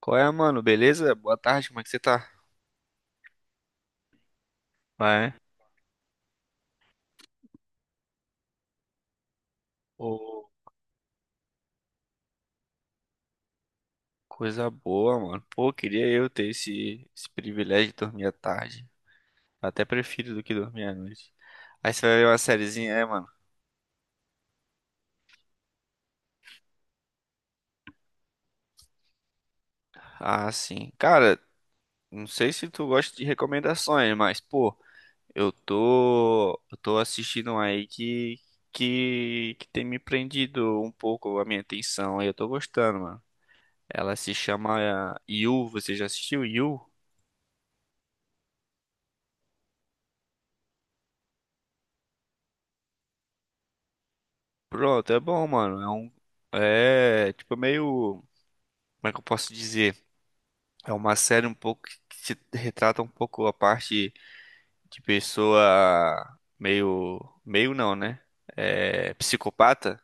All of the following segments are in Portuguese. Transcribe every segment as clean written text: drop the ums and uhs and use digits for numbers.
Qual é, mano? Beleza? Boa tarde, como é que você tá? Vai. Ô, coisa boa, mano. Pô, queria eu ter esse privilégio de dormir à tarde. Até prefiro do que dormir à noite. Aí você vai ver uma sériezinha, é, mano? Ah, sim. Cara, não sei se tu gosta de recomendações, mas, pô, eu tô assistindo um aí que. Que tem me prendido um pouco a minha atenção. E eu tô gostando, mano. Ela se chama You. Você já assistiu You? Pronto, é bom, mano. É um. É tipo meio. Como é que eu posso dizer? É uma série um pouco que se retrata um pouco a parte de pessoa meio. Meio não, né? É, psicopata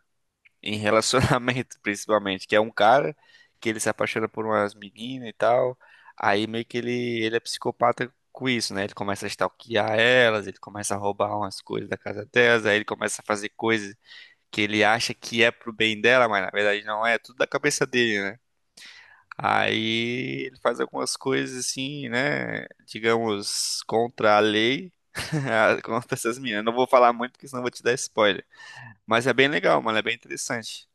em relacionamento, principalmente. Que é um cara que ele se apaixona por umas meninas e tal. Aí meio que ele é psicopata com isso, né? Ele começa a stalkear elas, ele começa a roubar umas coisas da casa delas, aí ele começa a fazer coisas que ele acha que é pro bem dela, mas na verdade não é, é tudo da cabeça dele, né? Aí ele faz algumas coisas assim, né? Digamos, contra a lei, contra essas meninas. Não vou falar muito, porque senão eu vou te dar spoiler. Mas é bem legal, mano, é bem interessante.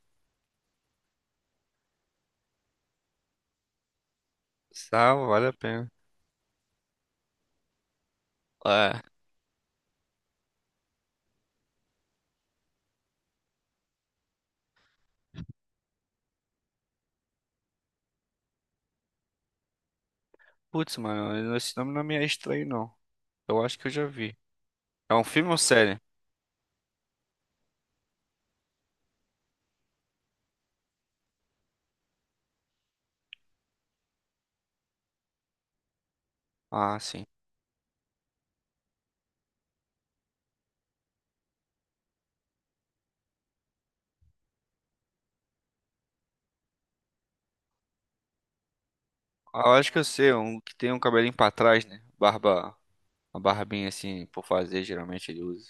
Salvo, vale a pena. É. Putz, mano, esse nome não me é estranho, não. Eu acho que eu já vi. É um filme ou série? Ah, sim. Ah, eu acho que eu sei, um que tem um cabelinho pra trás, né? Barba, uma barbinha assim, por fazer, geralmente ele usa.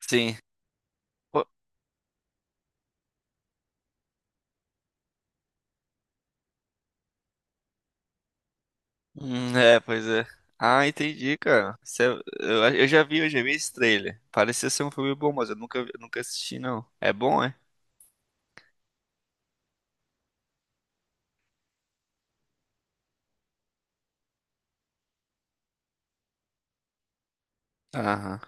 Sim. Pô, é, pois é. Ah, entendi, cara. Eu já vi esse trailer. Parecia ser um filme bom, mas eu nunca, nunca assisti, não. É bom, é? Aham.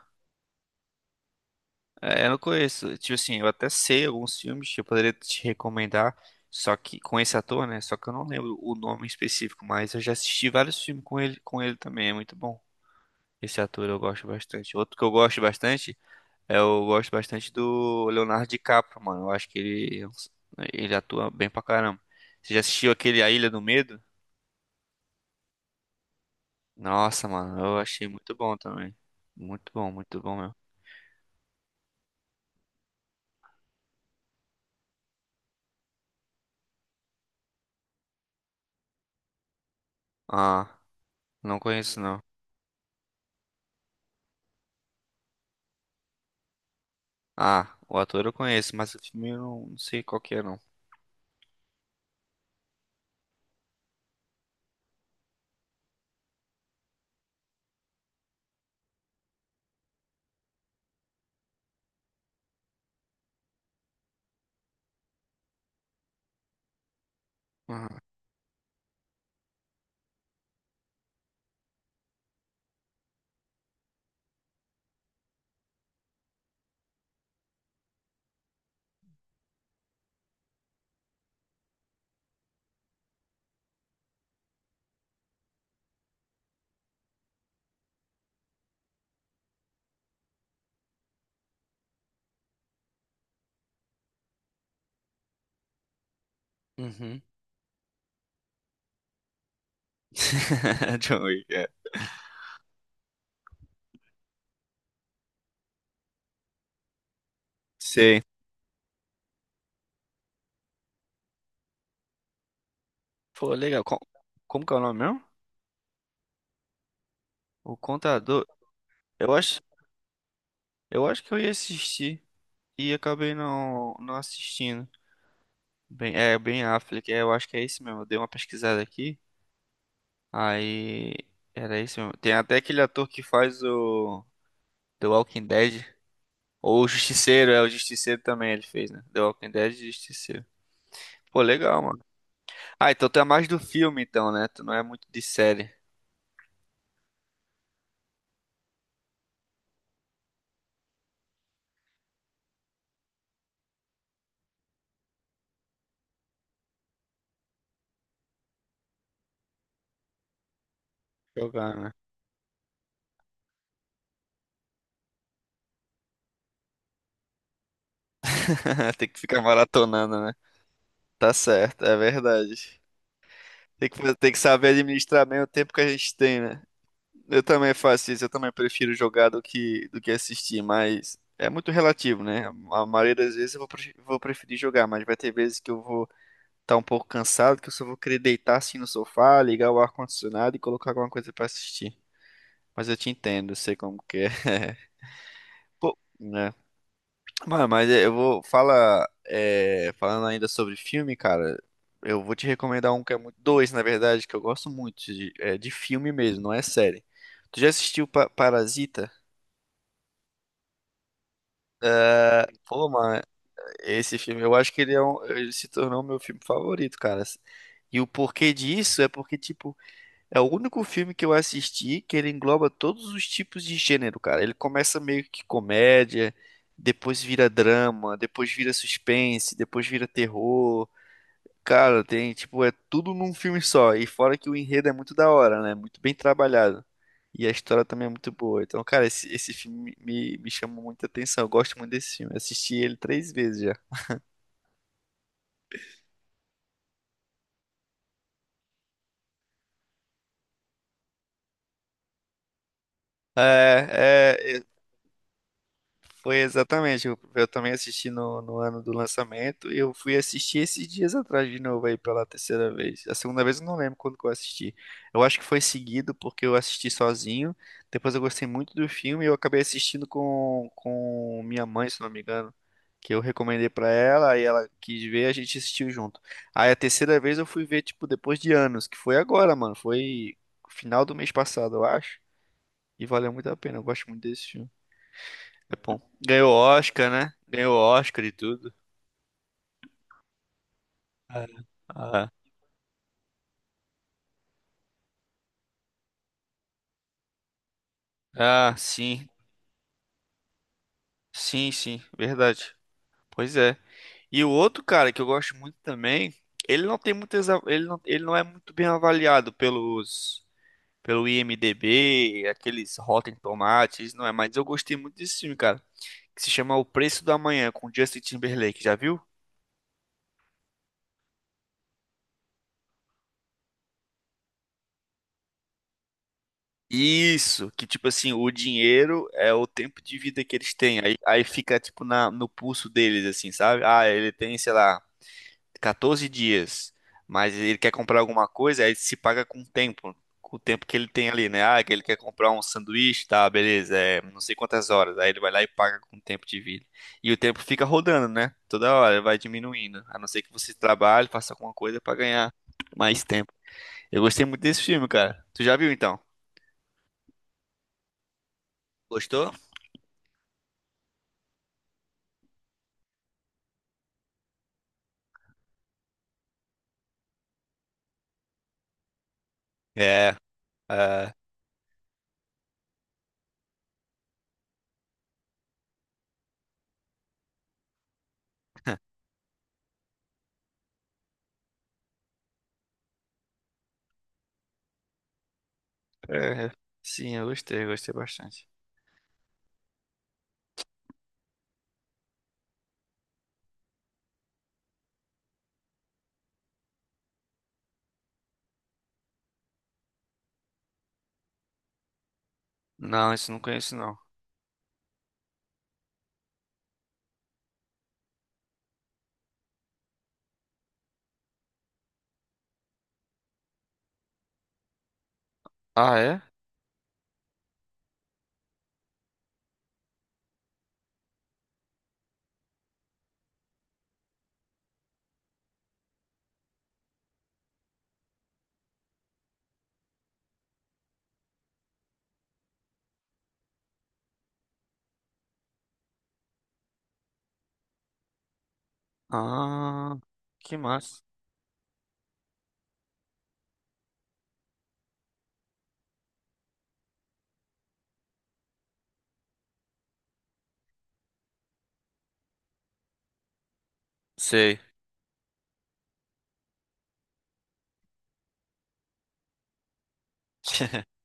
É, eu não conheço. Tipo assim, eu até sei alguns filmes que eu poderia te recomendar, só que com esse ator, né? Só que eu não lembro o nome específico, mas eu já assisti vários filmes com ele também. É muito bom. Esse ator eu gosto bastante. Outro que eu gosto bastante. É, eu gosto bastante do Leonardo DiCaprio, mano. Eu acho que ele atua bem pra caramba. Você já assistiu aquele A Ilha do Medo? Nossa, mano, eu achei muito bom também. Muito bom mesmo. Ah, não conheço não. Ah, o ator eu conheço, mas o filme eu não sei qual que é não. Ah. Uhum. John Wick, é. Sei. Pô, legal. Como que é o nome mesmo? O Contador. Eu acho, eu acho que eu ia assistir e acabei não assistindo. Bem, é bem Affleck, é, eu acho que é esse mesmo. Eu dei uma pesquisada aqui. Aí era esse mesmo. Tem até aquele ator que faz o The Walking Dead. Ou o Justiceiro, é o Justiceiro também ele fez, né? The Walking Dead e Justiceiro. Pô, legal, mano. Ah, então tu é mais do filme, então, né? Tu não é muito de série. Jogar, né? Tem que ficar maratonando, né? Tá certo, é verdade. Tem que saber administrar bem o tempo que a gente tem, né? Eu também faço isso, eu também prefiro jogar do que assistir, mas é muito relativo, né? A maioria das vezes eu vou, vou preferir jogar, mas vai ter vezes que eu vou estar um pouco cansado, que eu só vou querer deitar assim no sofá, ligar o ar-condicionado e colocar alguma coisa pra assistir. Mas eu te entendo, eu sei como que é. Pô, né? Mano, mas é, eu vou. Fala. É, falando ainda sobre filme, cara, eu vou te recomendar um que é muito. Dois, na verdade, que eu gosto muito de filme mesmo, não é série. Tu já assistiu Parasita? Pô, mano, esse filme, eu acho que ele é um, ele se tornou meu filme favorito, cara. E o porquê disso é porque, tipo, é o único filme que eu assisti que ele engloba todos os tipos de gênero, cara. Ele começa meio que comédia, depois vira drama, depois vira suspense, depois vira terror. Cara, tem, tipo, é tudo num filme só. E fora que o enredo é muito da hora, né? Muito bem trabalhado. E a história também é muito boa. Então, cara, esse filme me chamou muita atenção. Eu gosto muito desse filme. Eu assisti ele três vezes já. É, é, Foi exatamente. Eu também assisti no ano do lançamento e eu fui assistir esses dias atrás de novo aí pela terceira vez. A segunda vez eu não lembro quando que eu assisti. Eu acho que foi seguido porque eu assisti sozinho. Depois eu gostei muito do filme e eu acabei assistindo com minha mãe, se não me engano, que eu recomendei pra ela, aí ela quis ver, a gente assistiu junto. Aí a terceira vez eu fui ver tipo depois de anos, que foi agora, mano, foi final do mês passado, eu acho. E valeu muito a pena. Eu gosto muito desse filme. É bom. Ganhou Oscar, né? Ganhou Oscar e tudo. É. Ah, ah, sim. Sim, sim. Verdade. Pois é. E o outro cara que eu gosto muito também, ele não tem muitas, ele não é muito bem avaliado pelo IMDb, aqueles Rotten Tomatoes, não é, mas eu gostei muito desse filme, cara, que se chama O Preço da Manhã com Justin Timberlake, já viu? Isso, que tipo assim, o dinheiro é o tempo de vida que eles têm. Aí fica tipo no pulso deles, assim, sabe? Ah, ele tem, sei lá, 14 dias, mas ele quer comprar alguma coisa, aí se paga com o tempo que ele tem ali, né? Ah, que ele quer comprar um sanduíche, tá, beleza, é não sei quantas horas. Aí ele vai lá e paga com o tempo de vida. E o tempo fica rodando, né? Toda hora vai diminuindo. A não ser que você trabalhe, faça alguma coisa pra ganhar mais tempo. Eu gostei muito desse filme, cara. Tu já viu então? Gostou? É. É, é. Sim, eu gostei bastante. Não, isso eu não conheço não. Ah, é? Ah, que massa. Sei.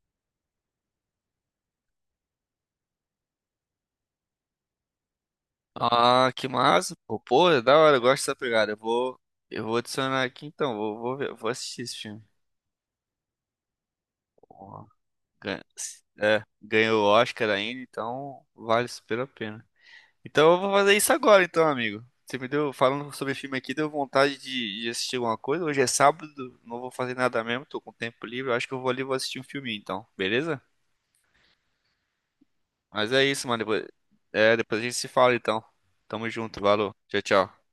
Ah, que massa. Pô, pô, é da hora, eu gosto dessa pegada. Eu vou adicionar aqui então, vou ver, vou assistir esse filme. Pô, ganha- ganhou o Oscar ainda, então vale super a pena. Então eu vou fazer isso agora, então, amigo. Você me deu, falando sobre filme aqui, deu vontade de assistir alguma coisa. Hoje é sábado, não vou fazer nada mesmo, tô com tempo livre. Eu acho que eu vou ali e vou assistir um filminho, então, beleza? Mas é isso, mano. Depois a gente se fala, então. Tamo junto, valeu. Tchau, tchau.